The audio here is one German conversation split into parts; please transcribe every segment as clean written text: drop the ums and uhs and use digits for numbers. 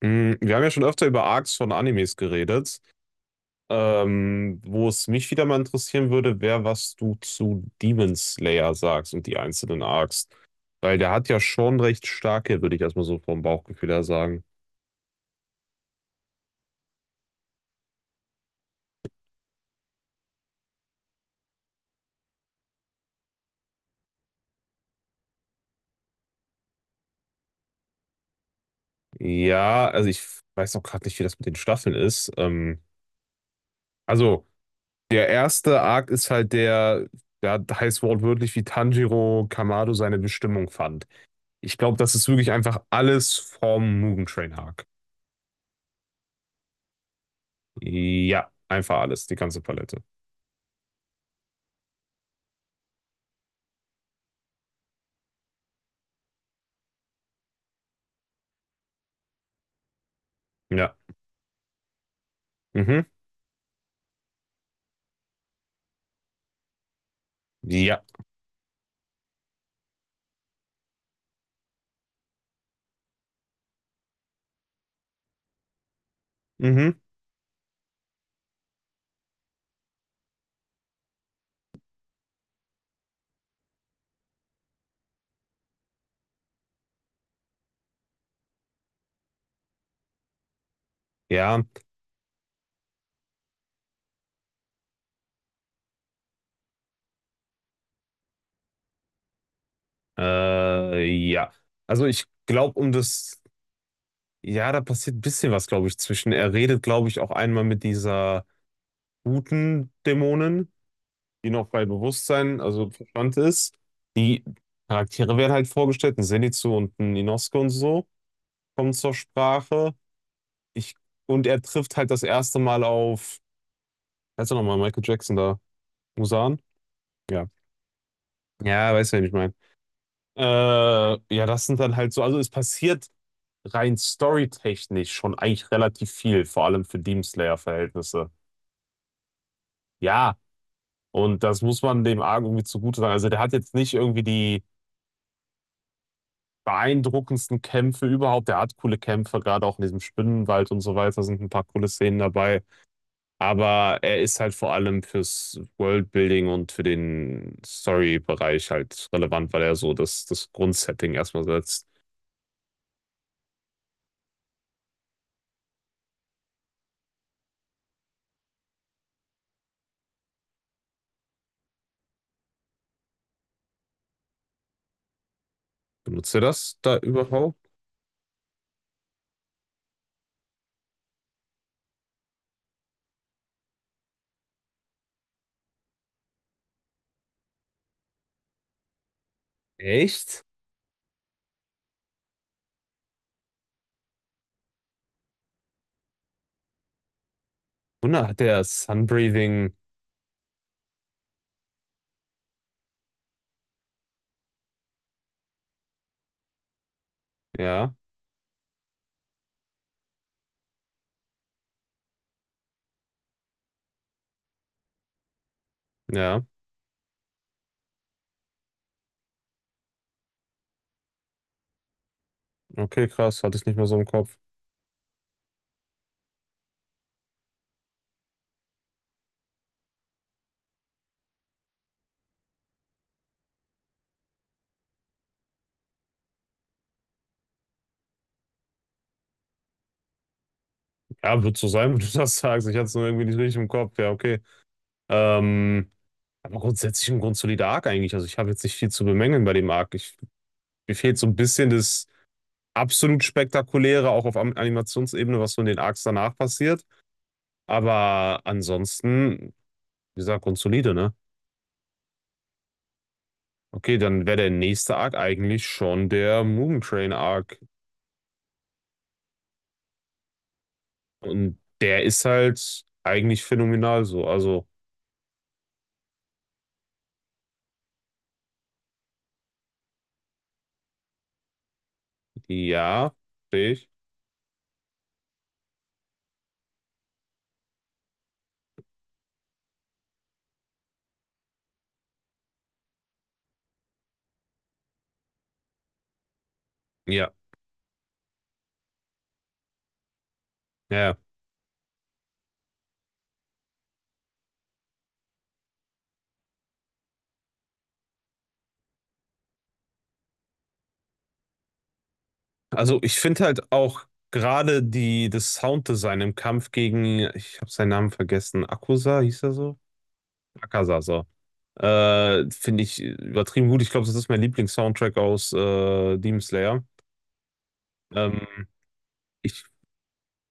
Wir haben ja schon öfter über Arcs von Animes geredet. Wo es mich wieder mal interessieren würde, wäre, was du zu Demon Slayer sagst und die einzelnen Arcs. Weil der hat ja schon recht starke, würde ich erstmal so vom Bauchgefühl her sagen. Ja, also ich weiß auch gerade nicht, wie das mit den Staffeln ist. Also, der erste Arc ist halt der, der heißt wortwörtlich, wie Tanjiro Kamado seine Bestimmung fand. Ich glaube, das ist wirklich einfach alles vom Mugen Train Arc. Ja, einfach alles, die ganze Palette. Ja. Mhm. Ja. Mhm. Ja. Äh, ja. Also ich glaube, ja, da passiert ein bisschen was, glaube ich, zwischen. Er redet, glaube ich, auch einmal mit dieser guten Dämonin, die noch bei Bewusstsein, also Verstand ist. Die Charaktere werden halt vorgestellt, ein Zenitsu und ein Inosuke und so kommen zur Sprache. Ich, und er trifft halt das erste Mal auf, heißt er nochmal, Michael Jackson da, Musan? Ja. Ja, weißt du, wen ich meine. Äh, ja, das sind dann halt so, also es passiert rein storytechnisch schon eigentlich relativ viel, vor allem für Demon Slayer-Verhältnisse. Ja, und das muss man dem Arc irgendwie zugute sagen. Also der hat jetzt nicht irgendwie die beeindruckendsten Kämpfe überhaupt. Der hat coole Kämpfe, gerade auch in diesem Spinnenwald und so weiter sind ein paar coole Szenen dabei. Aber er ist halt vor allem fürs Worldbuilding und für den Story-Bereich halt relevant, weil er so das Grundsetting erstmal setzt. Benutzt er das da überhaupt? Echt? Wunder, hat der Sunbreathing. Ja, ja. Okay, krass. Hatte ich nicht mehr so im Kopf. Ja, wird so sein, wenn du das sagst. Ich hatte es nur irgendwie nicht richtig im Kopf. Ja, okay. Ähm, aber grundsätzlich ein grundsolider Arc eigentlich. Also ich habe jetzt nicht viel zu bemängeln bei dem Arc. Mir fehlt so ein bisschen das absolut Spektakuläre, auch auf Animationsebene, was so in den Arcs danach passiert. Aber ansonsten, wie gesagt, grundsolide, ne? Okay, dann wäre der nächste Arc eigentlich schon der Mugen Train Arc. Und der ist halt eigentlich phänomenal so. Also, ja, sehe ich. Ja, ja. Ja. Also, ich finde halt auch gerade das Sounddesign im Kampf gegen, ich habe seinen Namen vergessen, Akusa hieß er so? Akaza, so. Finde ich übertrieben gut. Ich glaube, das ist mein Lieblings-Soundtrack aus Demon Slayer. Ähm, ich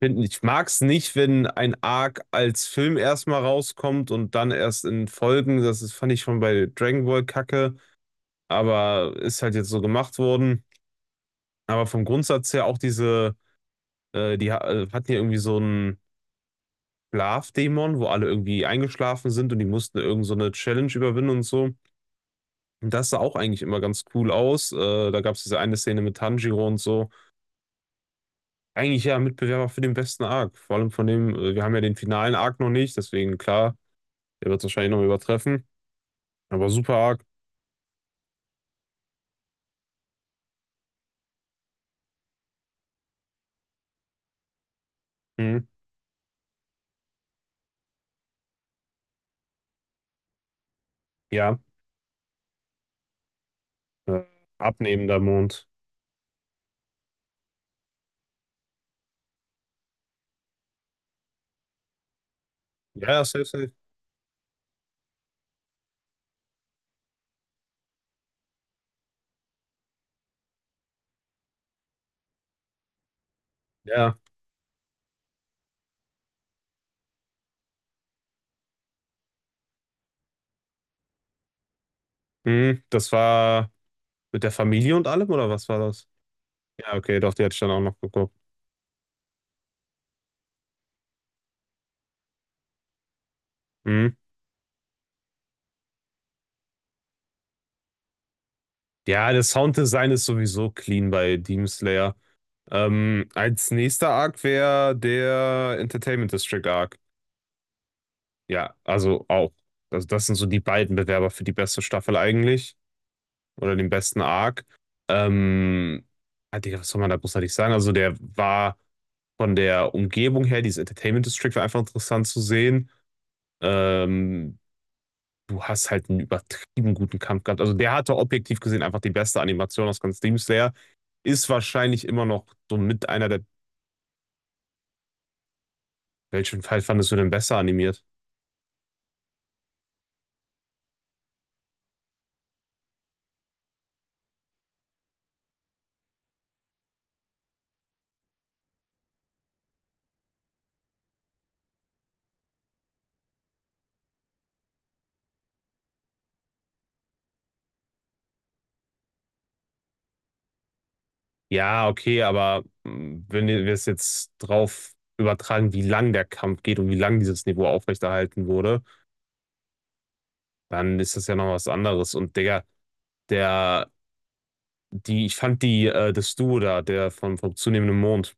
finde, ich mag es nicht, wenn ein Arc als Film erstmal rauskommt und dann erst in Folgen. Das ist, fand ich schon bei Dragon Ball Kacke. Aber ist halt jetzt so gemacht worden. Aber vom Grundsatz her auch diese, hatten ja irgendwie so einen Schlafdämon, wo alle irgendwie eingeschlafen sind und die mussten irgend so eine Challenge überwinden und so. Und das sah auch eigentlich immer ganz cool aus. Da gab es diese eine Szene mit Tanjiro und so. Eigentlich ja Mitbewerber für den besten Arc. Vor allem von dem, wir haben ja den finalen Arc noch nicht, deswegen klar, der wird es wahrscheinlich noch übertreffen. Aber super Arc. Hm. Ja, äh, abnehmender Mond. Ja, safe, safe. Ja, hm. Das war mit der Familie und allem, oder was war das? Ja, okay, doch, die hatte ich dann auch noch geguckt. Mhm. Ja, das Sounddesign ist sowieso clean bei Demon Slayer. Als nächster Arc wäre der Entertainment District Arc. Ja, also auch. Also das sind so die beiden Bewerber für die beste Staffel eigentlich. Oder den besten Arc. Ähm, ah, Digga, was soll man da großartig sagen? Also der war von der Umgebung her, dieses Entertainment District war einfach interessant zu sehen. Ähm, du hast halt einen übertrieben guten Kampf gehabt. Also, der hatte objektiv gesehen einfach die beste Animation aus ganz Demon Slayer. Ist wahrscheinlich immer noch so mit einer der welchen Fall fandest du denn besser animiert? Ja, okay, aber, hm, wenn wir es jetzt drauf übertragen, wie lang der Kampf geht und wie lang dieses Niveau aufrechterhalten wurde, dann ist das ja noch was anderes. Und Digga, der die ich fand die das Duo da, der von vom zunehmenden Mond,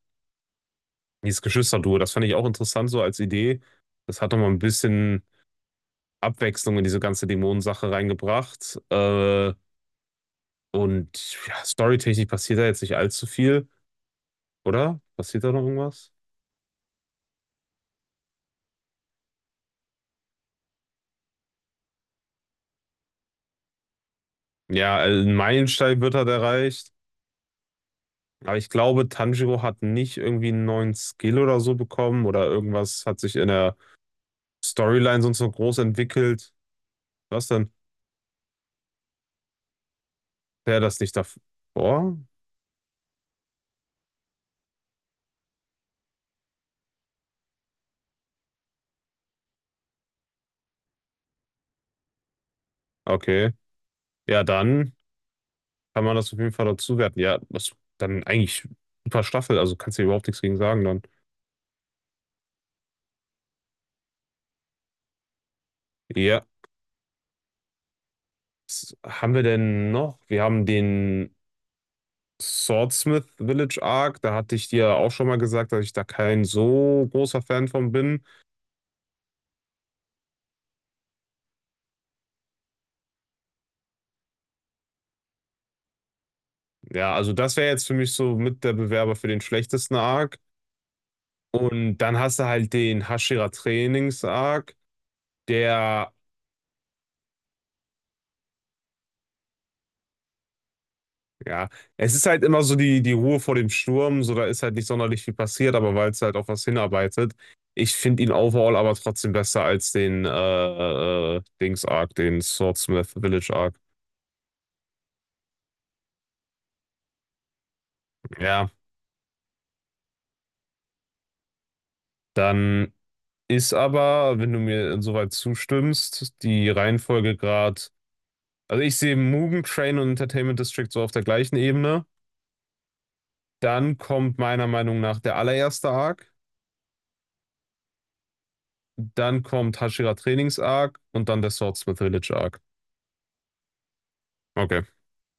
dieses Geschwisterduo, das fand ich auch interessant so als Idee. Das hat noch mal 'n bisschen Abwechslung in diese ganze Dämonensache reingebracht. Und ja, storytechnisch passiert da jetzt nicht allzu viel, oder? Passiert da noch irgendwas? Ja, ein Meilenstein wird halt erreicht. Aber ich glaube, Tanjiro hat nicht irgendwie einen neuen Skill oder so bekommen oder irgendwas hat sich in der Storyline sonst so groß entwickelt. Was denn? Wäre das nicht davor? Okay. Ja, dann kann man das auf jeden Fall dazu werten. Ja, das dann eigentlich super Staffel, also kannst du dir überhaupt nichts gegen sagen dann. Ja. Was haben wir denn noch? Wir haben den Swordsmith Village Arc. Da hatte ich dir auch schon mal gesagt, dass ich da kein so großer Fan von bin. Ja, also das wäre jetzt für mich so mit der Bewerber für den schlechtesten Arc. Und dann hast du halt den Hashira Trainings Arc, der, ja, es ist halt immer so die Ruhe vor dem Sturm. So, da ist halt nicht sonderlich viel passiert, aber weil es halt auf was hinarbeitet. Ich finde ihn overall aber trotzdem besser als den Dings Arc, den Swordsmith Village Arc. Ja, dann ist aber, wenn du mir insoweit zustimmst, die Reihenfolge gerade. Also ich sehe Mugen Train und Entertainment District so auf der gleichen Ebene. Dann kommt meiner Meinung nach der allererste Arc. Dann kommt Hashira Trainings Arc und dann der Swordsmith Village Arc. Okay.